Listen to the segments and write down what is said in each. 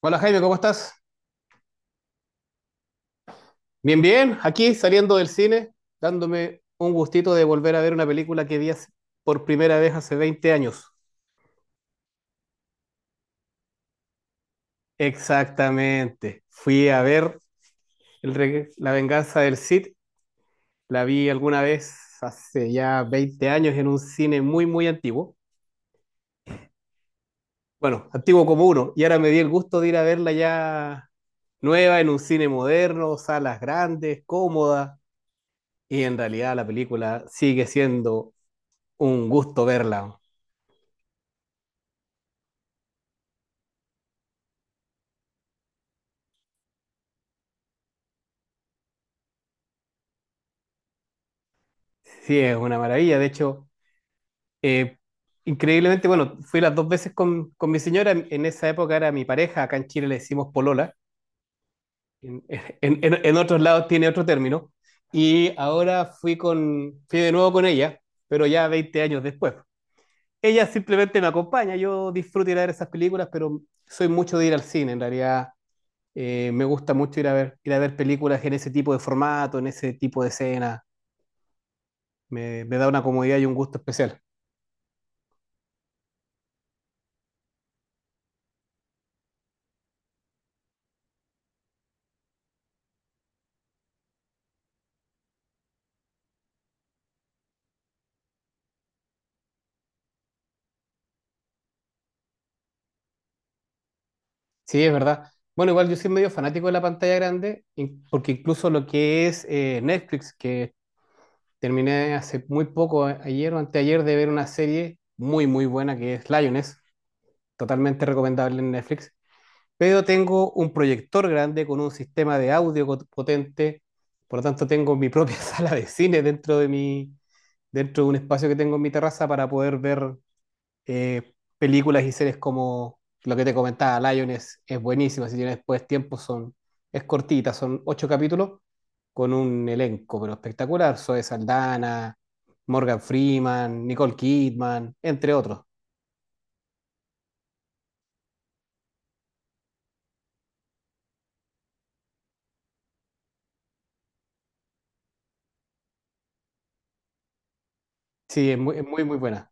Hola Jaime, ¿cómo estás? Bien, bien, aquí saliendo del cine, dándome un gustito de volver a ver una película que por primera vez hace 20 años. Exactamente, fui a ver La venganza del Cid, la vi alguna vez hace ya 20 años en un cine muy, muy antiguo. Bueno, antiguo como uno, y ahora me di el gusto de ir a verla ya nueva en un cine moderno, salas grandes, cómoda, y en realidad la película sigue siendo un gusto verla. Sí, es una maravilla. De hecho, eh, increíblemente, bueno, fui las dos veces con mi señora. En esa época era mi pareja. Acá en Chile le decimos polola. En, en otros lados tiene otro término. Y ahora fui con, fui de nuevo con ella, pero ya 20 años después. Ella simplemente me acompaña. Yo disfruto ir a ver esas películas, pero soy mucho de ir al cine. En realidad, me gusta mucho ir a ver películas en ese tipo de formato, en ese tipo de escena. Me da una comodidad y un gusto especial. Sí, es verdad. Bueno, igual yo soy medio fanático de la pantalla grande, porque incluso lo que es Netflix, que terminé hace muy poco, ayer o anteayer, de ver una serie muy, muy buena que es Lioness, totalmente recomendable en Netflix, pero tengo un proyector grande con un sistema de audio potente, por lo tanto tengo mi propia sala de cine dentro de un espacio que tengo en mi terraza para poder ver películas y series como lo que te comentaba, Lion es buenísima, si tienes después tiempo es cortita, son 8 capítulos con un elenco pero espectacular, Zoe Saldana, Morgan Freeman, Nicole Kidman, entre otros. Sí, es muy, muy buena.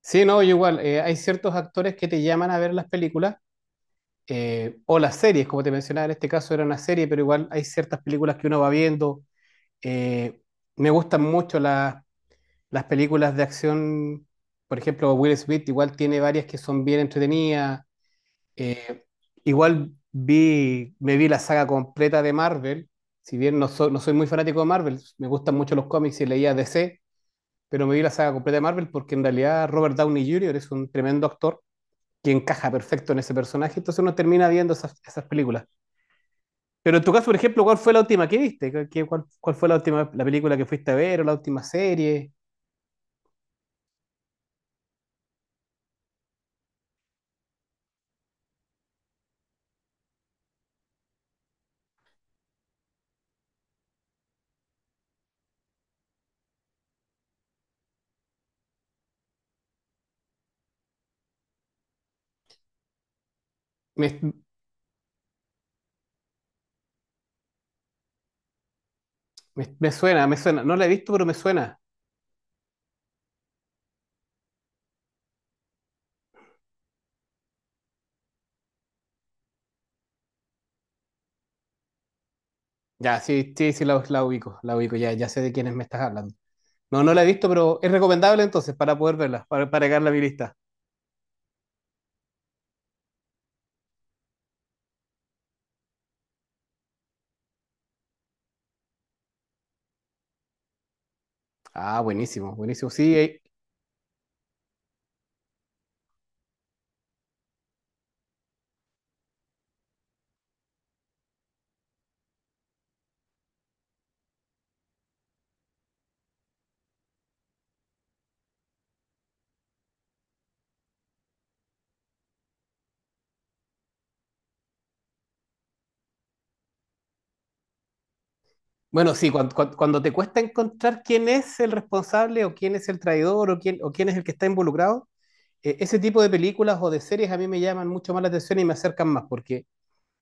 Sí, no, yo igual, hay ciertos actores que te llaman a ver las películas o las series, como te mencionaba, en este caso era una serie, pero igual hay ciertas películas que uno va viendo. eh, Me gustan mucho las películas de acción, por ejemplo, Will Smith igual tiene varias que son bien entretenidas. Eh, Igual vi, me vi la saga completa de Marvel. Si bien no soy muy fanático de Marvel, me gustan mucho los cómics y leía DC, pero me vi la saga completa de Marvel porque en realidad Robert Downey Jr. es un tremendo actor que encaja perfecto en ese personaje, entonces uno termina viendo esas, esas películas. Pero en tu caso, por ejemplo, ¿cuál fue la última que viste? ¿ Cuál fue la última la película que fuiste a ver o la última serie? Me, Me, me suena, me suena. No la he visto, pero me suena. Ya, sí, sí, sí, la, la ubico, ya, ya sé de quiénes me estás hablando. No, no la he visto, pero es recomendable entonces para poder verla, para agregarla a mi lista. Ah, buenísimo, buenísimo. Sí, bueno, sí, cuando te cuesta encontrar quién es el responsable o quién es el traidor o quién es el que está involucrado, ese tipo de películas o de series a mí me llaman mucho más la atención y me acercan más, porque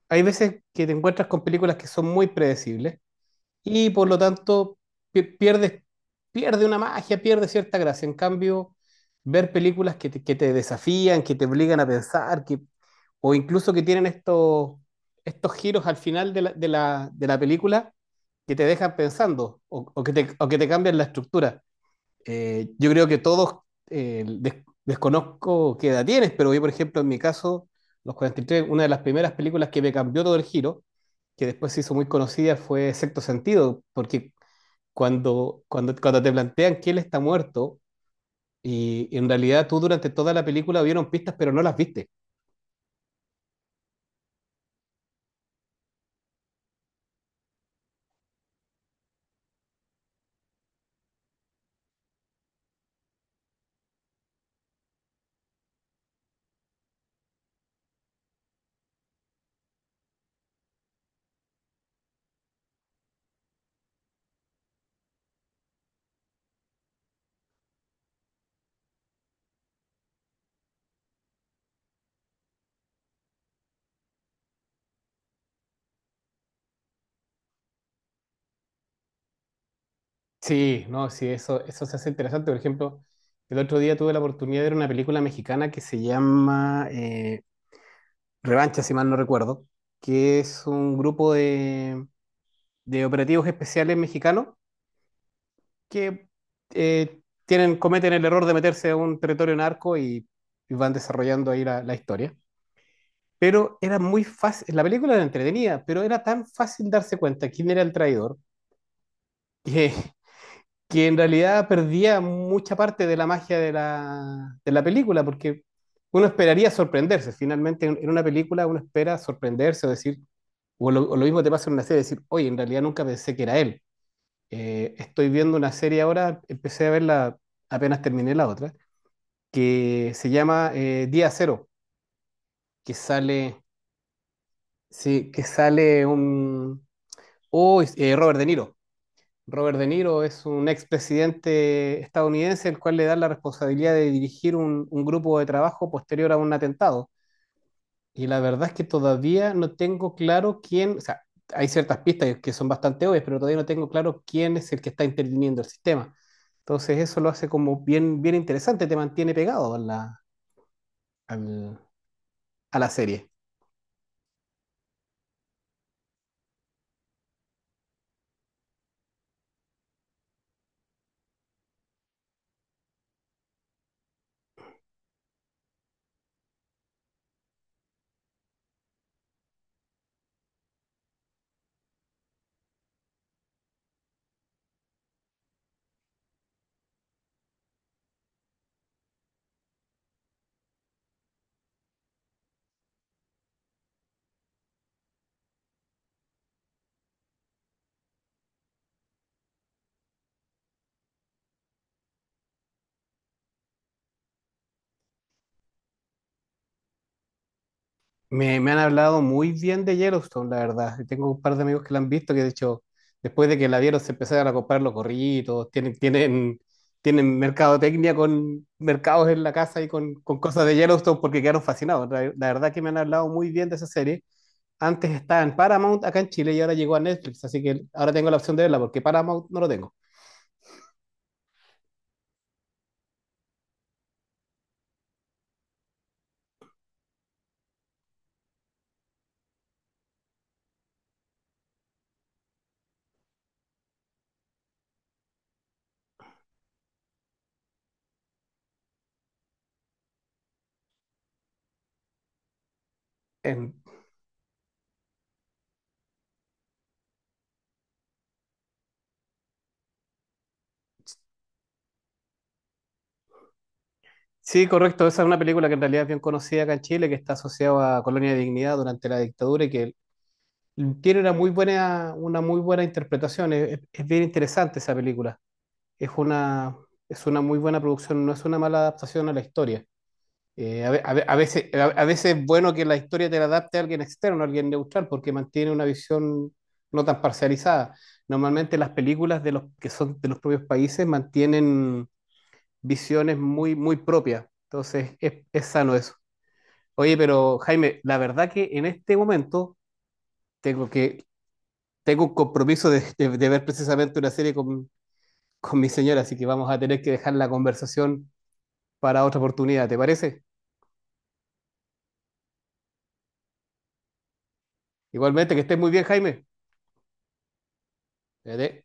hay veces que te encuentras con películas que son muy predecibles y por lo tanto pierdes, pierde una magia, pierde cierta gracia. En cambio, ver películas que te desafían, que te obligan a pensar, que, o incluso que tienen estos, estos giros al final de la, de la, de la película que te dejan pensando o que te cambian la estructura. Yo creo que todos, desconozco qué edad tienes, pero yo, por ejemplo, en mi caso, los 43, una de las primeras películas que me cambió todo el giro, que después se hizo muy conocida, fue Sexto Sentido, porque cuando te plantean que él está muerto, y en realidad tú durante toda la película vieron pistas, pero no las viste. Sí, no, sí, eso se hace interesante. Por ejemplo, el otro día tuve la oportunidad de ver una película mexicana que se llama Revancha, si mal no recuerdo, que es un grupo de operativos especiales mexicanos que tienen, cometen el error de meterse a un territorio narco y van desarrollando ahí la, la historia. Pero era muy fácil, la película era entretenida, pero era tan fácil darse cuenta quién era el traidor que, que en realidad perdía mucha parte de la magia de la película, porque uno esperaría sorprenderse. Finalmente, en una película uno espera sorprenderse o decir, o lo, o lo mismo te pasa en una serie, decir, oye, en realidad nunca pensé que era él. Estoy viendo una serie ahora, empecé a verla apenas terminé la otra, que se llama Día Cero, que sale, sí, que sale un... Oh, Robert De Niro. Robert De Niro es un expresidente estadounidense el cual le da la responsabilidad de dirigir un grupo de trabajo posterior a un atentado. Y la verdad es que todavía no tengo claro quién, o sea, hay ciertas pistas que son bastante obvias, pero todavía no tengo claro quién es el que está interviniendo el sistema. Entonces eso lo hace como bien, bien interesante, te mantiene pegado a al- a la serie. Me han hablado muy bien de Yellowstone, la verdad. Y tengo un par de amigos que la han visto que, de hecho, después de que la vieron, se empezaron a comprar los gorritos. Tienen, tienen, tienen mercadotecnia con mercados en la casa y con cosas de Yellowstone porque quedaron fascinados. La verdad que me han hablado muy bien de esa serie. Antes estaba en Paramount acá en Chile y ahora llegó a Netflix, así que ahora tengo la opción de verla porque Paramount no lo tengo. Em, sí, correcto, esa es una película que en realidad es bien conocida acá en Chile, que está asociada a Colonia de Dignidad durante la dictadura y que tiene una muy buena interpretación, es bien interesante esa película. Es una, es una muy buena producción, no es una mala adaptación a la historia. A veces, a veces es bueno que la historia te la adapte a alguien externo, a alguien neutral, porque mantiene una visión no tan parcializada. Normalmente las películas de los que son de los propios países mantienen visiones muy, muy propias. Entonces es sano eso. Oye, pero Jaime, la verdad que en este momento tengo que tengo un compromiso de ver precisamente una serie con mi señora, así que vamos a tener que dejar la conversación para otra oportunidad, ¿te parece? Igualmente, que estés muy bien, Jaime. Cuídate.